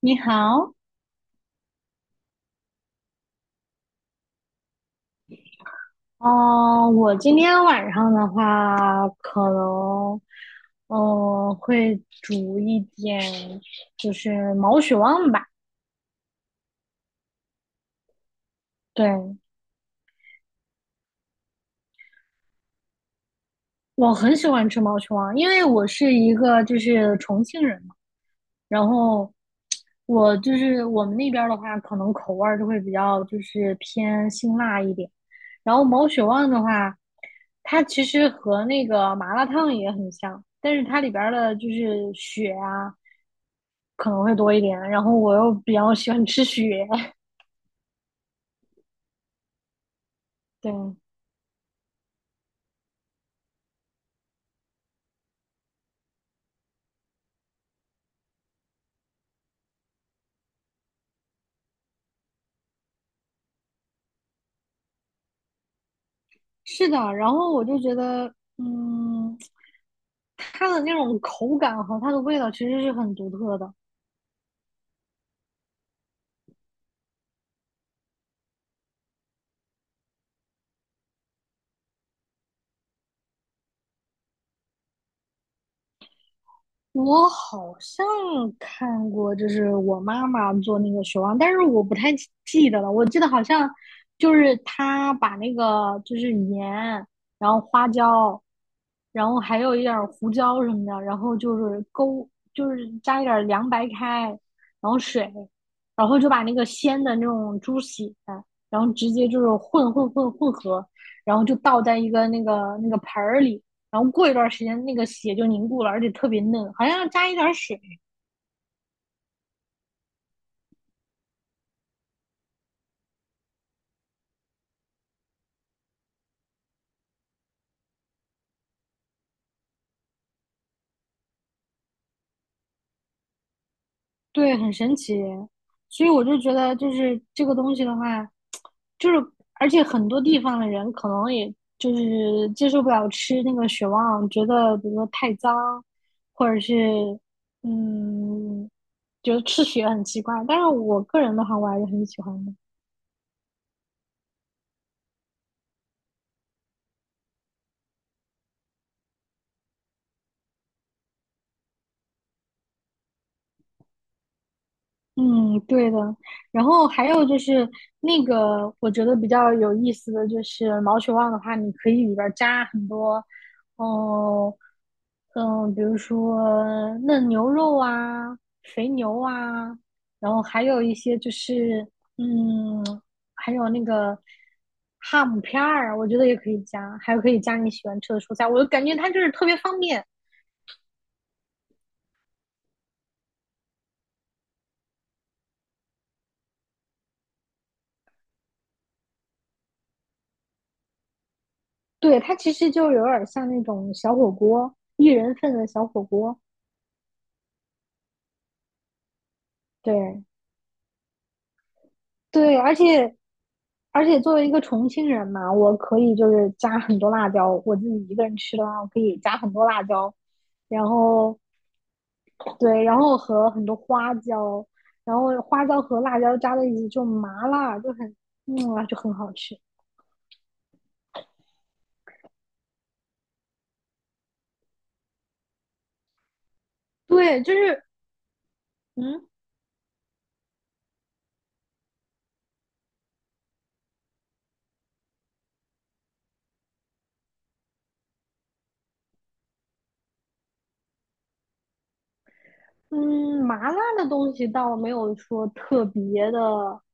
你好。哦，我今天晚上的话，可能，会煮一点，就是毛血旺吧。对，我很喜欢吃毛血旺，因为我是一个就是重庆人嘛，然后我就是我们那边儿的话，可能口味儿就会比较就是偏辛辣一点。然后毛血旺的话，它其实和那个麻辣烫也很像，但是它里边儿的就是血啊。可能会多一点。然后我又比较喜欢吃雪，对，是的。然后我就觉得，嗯，它的那种口感和它的味道其实是很独特的。我好像看过，就是我妈妈做那个雪忘，但是我不太记得了。我记得好像就是她把那个就是盐，然后花椒，然后还有一点儿胡椒什么的，然后就是勾，就是加一点儿凉白开，然后水，然后就把那个鲜的那种猪血，然后直接就是混合，然后就倒在一个那个盆儿里。然后过一段时间那个血就凝固了，而且特别嫩，好像要加一点水。对，很神奇。所以我就觉得，就是这个东西的话，就是而且很多地方的人可能也就是接受不了吃那个血旺，觉得比如说太脏，或者是，嗯，觉得吃血很奇怪。但是我个人的话，我还是很喜欢的。嗯，对的。然后还有就是那个，我觉得比较有意思的就是毛血旺的话，你可以里边儿加很多，哦、嗯，比如说嫩牛肉啊、肥牛啊，然后还有一些就是，嗯，还有那个哈姆片儿，我觉得也可以加，还有可以加你喜欢吃的蔬菜，我就感觉它就是特别方便。对，它其实就有点儿像那种小火锅，一人份的小火锅。对，对，而且作为一个重庆人嘛，我可以就是加很多辣椒。我自己一个人吃的话，我可以加很多辣椒，然后对，然后和很多花椒，然后花椒和辣椒加在一起就麻辣，就很就很好吃。对，就是，嗯嗯，麻辣的东西倒没有说特别的。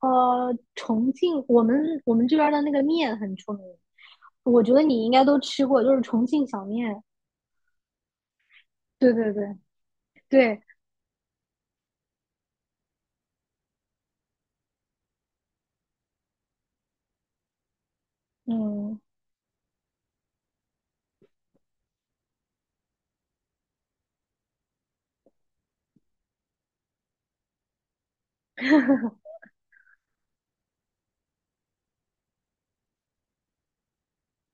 重庆我们这边儿的那个面很出名，我觉得你应该都吃过，就是重庆小面。对对对对，嗯，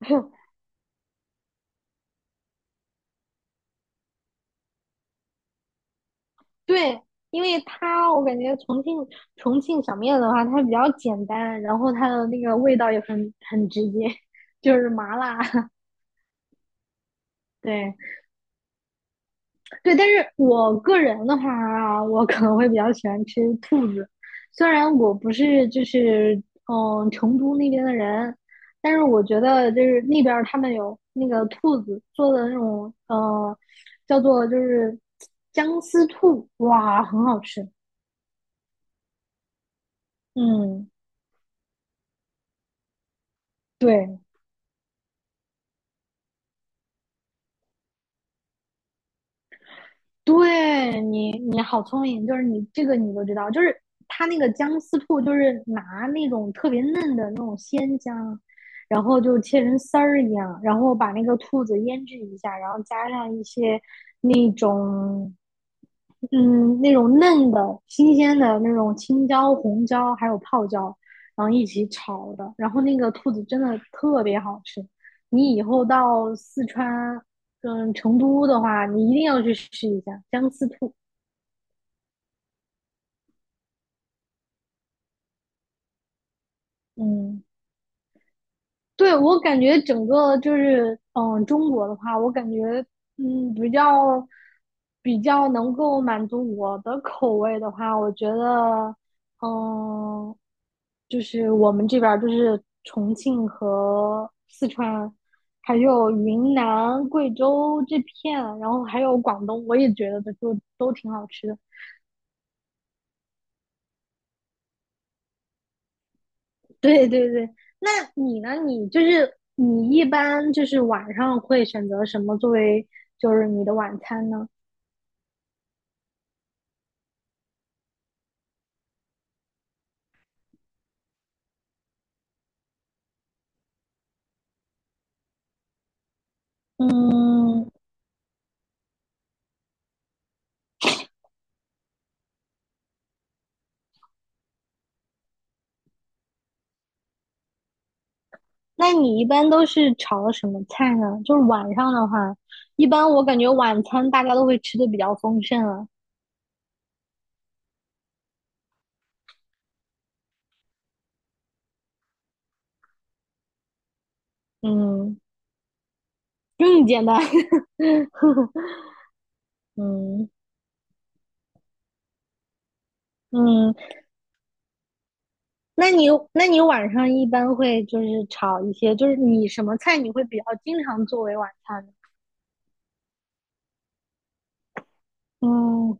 对，因为它我感觉重庆小面的话，它比较简单，然后它的那个味道也很直接，就是麻辣。对，对，但是我个人的话啊我可能会比较喜欢吃兔子，虽然我不是就是，嗯，成都那边的人，但是我觉得就是那边儿他们有那个兔子做的那种叫做就是姜丝兔，哇，很好吃。嗯，对，对你，你好聪明，就是你这个你都知道，就是他那个姜丝兔，就是拿那种特别嫩的那种鲜姜，然后就切成丝儿一样，然后把那个兔子腌制一下，然后加上一些那种，嗯，那种嫩的、新鲜的那种青椒、红椒，还有泡椒，然后一起炒的。然后那个兔子真的特别好吃。你以后到四川，嗯，成都的话，你一定要去试一下姜丝兔。嗯，对，我感觉整个就是，嗯，中国的话，我感觉，嗯，比较能够满足我的口味的话，我觉得，嗯，就是我们这边儿就是重庆和四川，还有云南、贵州这片，然后还有广东，我也觉得都挺好吃的。对对对，那你呢？你就是你一般就是晚上会选择什么作为就是你的晚餐呢？嗯，那你一般都是炒什么菜呢？就是晚上的话，一般我感觉晚餐大家都会吃的比较丰盛了。嗯，更简单。嗯，嗯，那你晚上一般会就是炒一些，就是你什么菜你会比较经常作为晚餐呢？嗯。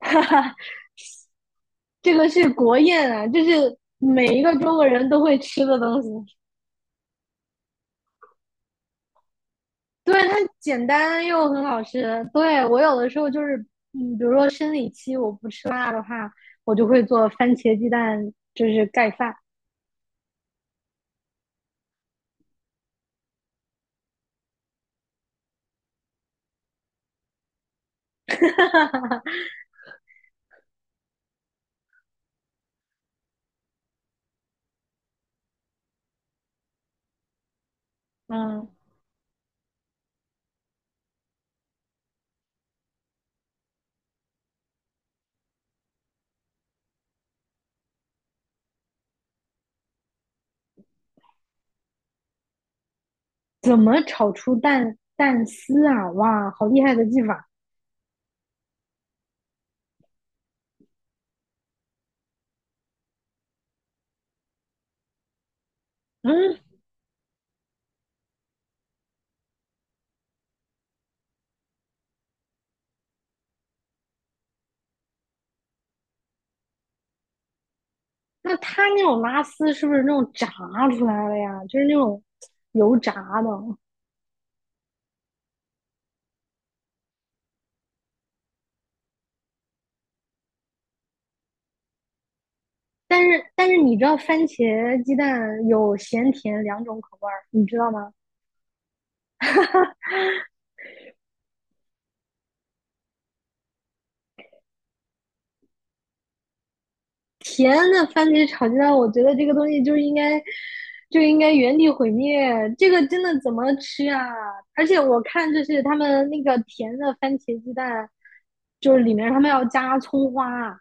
这个是国宴啊，这是每一个中国人都会吃的东西。对，它简单又很好吃。对，我有的时候就是，嗯，比如说生理期我不吃辣的话，我就会做番茄鸡蛋，就是盖饭。嗯，怎么炒出蛋丝啊？哇，好厉害的技法！嗯，那它那种拉丝是不是那种炸出来的呀？就是那种油炸的。但是你知道番茄鸡蛋有咸甜两种口味儿，你知道吗？甜的番茄炒鸡蛋，我觉得这个东西就是就应该原地毁灭，这个真的怎么吃啊？而且我看就是他们那个甜的番茄鸡蛋，就是里面他们要加葱花，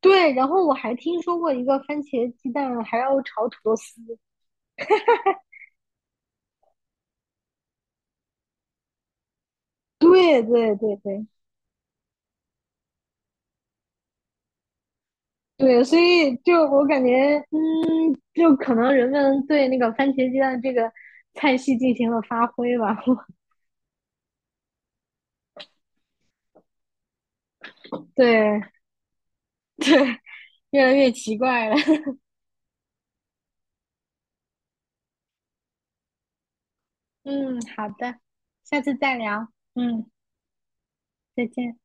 对，然后我还听说过一个番茄鸡蛋还要炒土豆丝，对对对对对，所以就我感觉，嗯，就可能人们对那个番茄鸡蛋这个菜系进行了发挥吧。对，越来越奇怪了。嗯，好的，下次再聊。嗯，再见。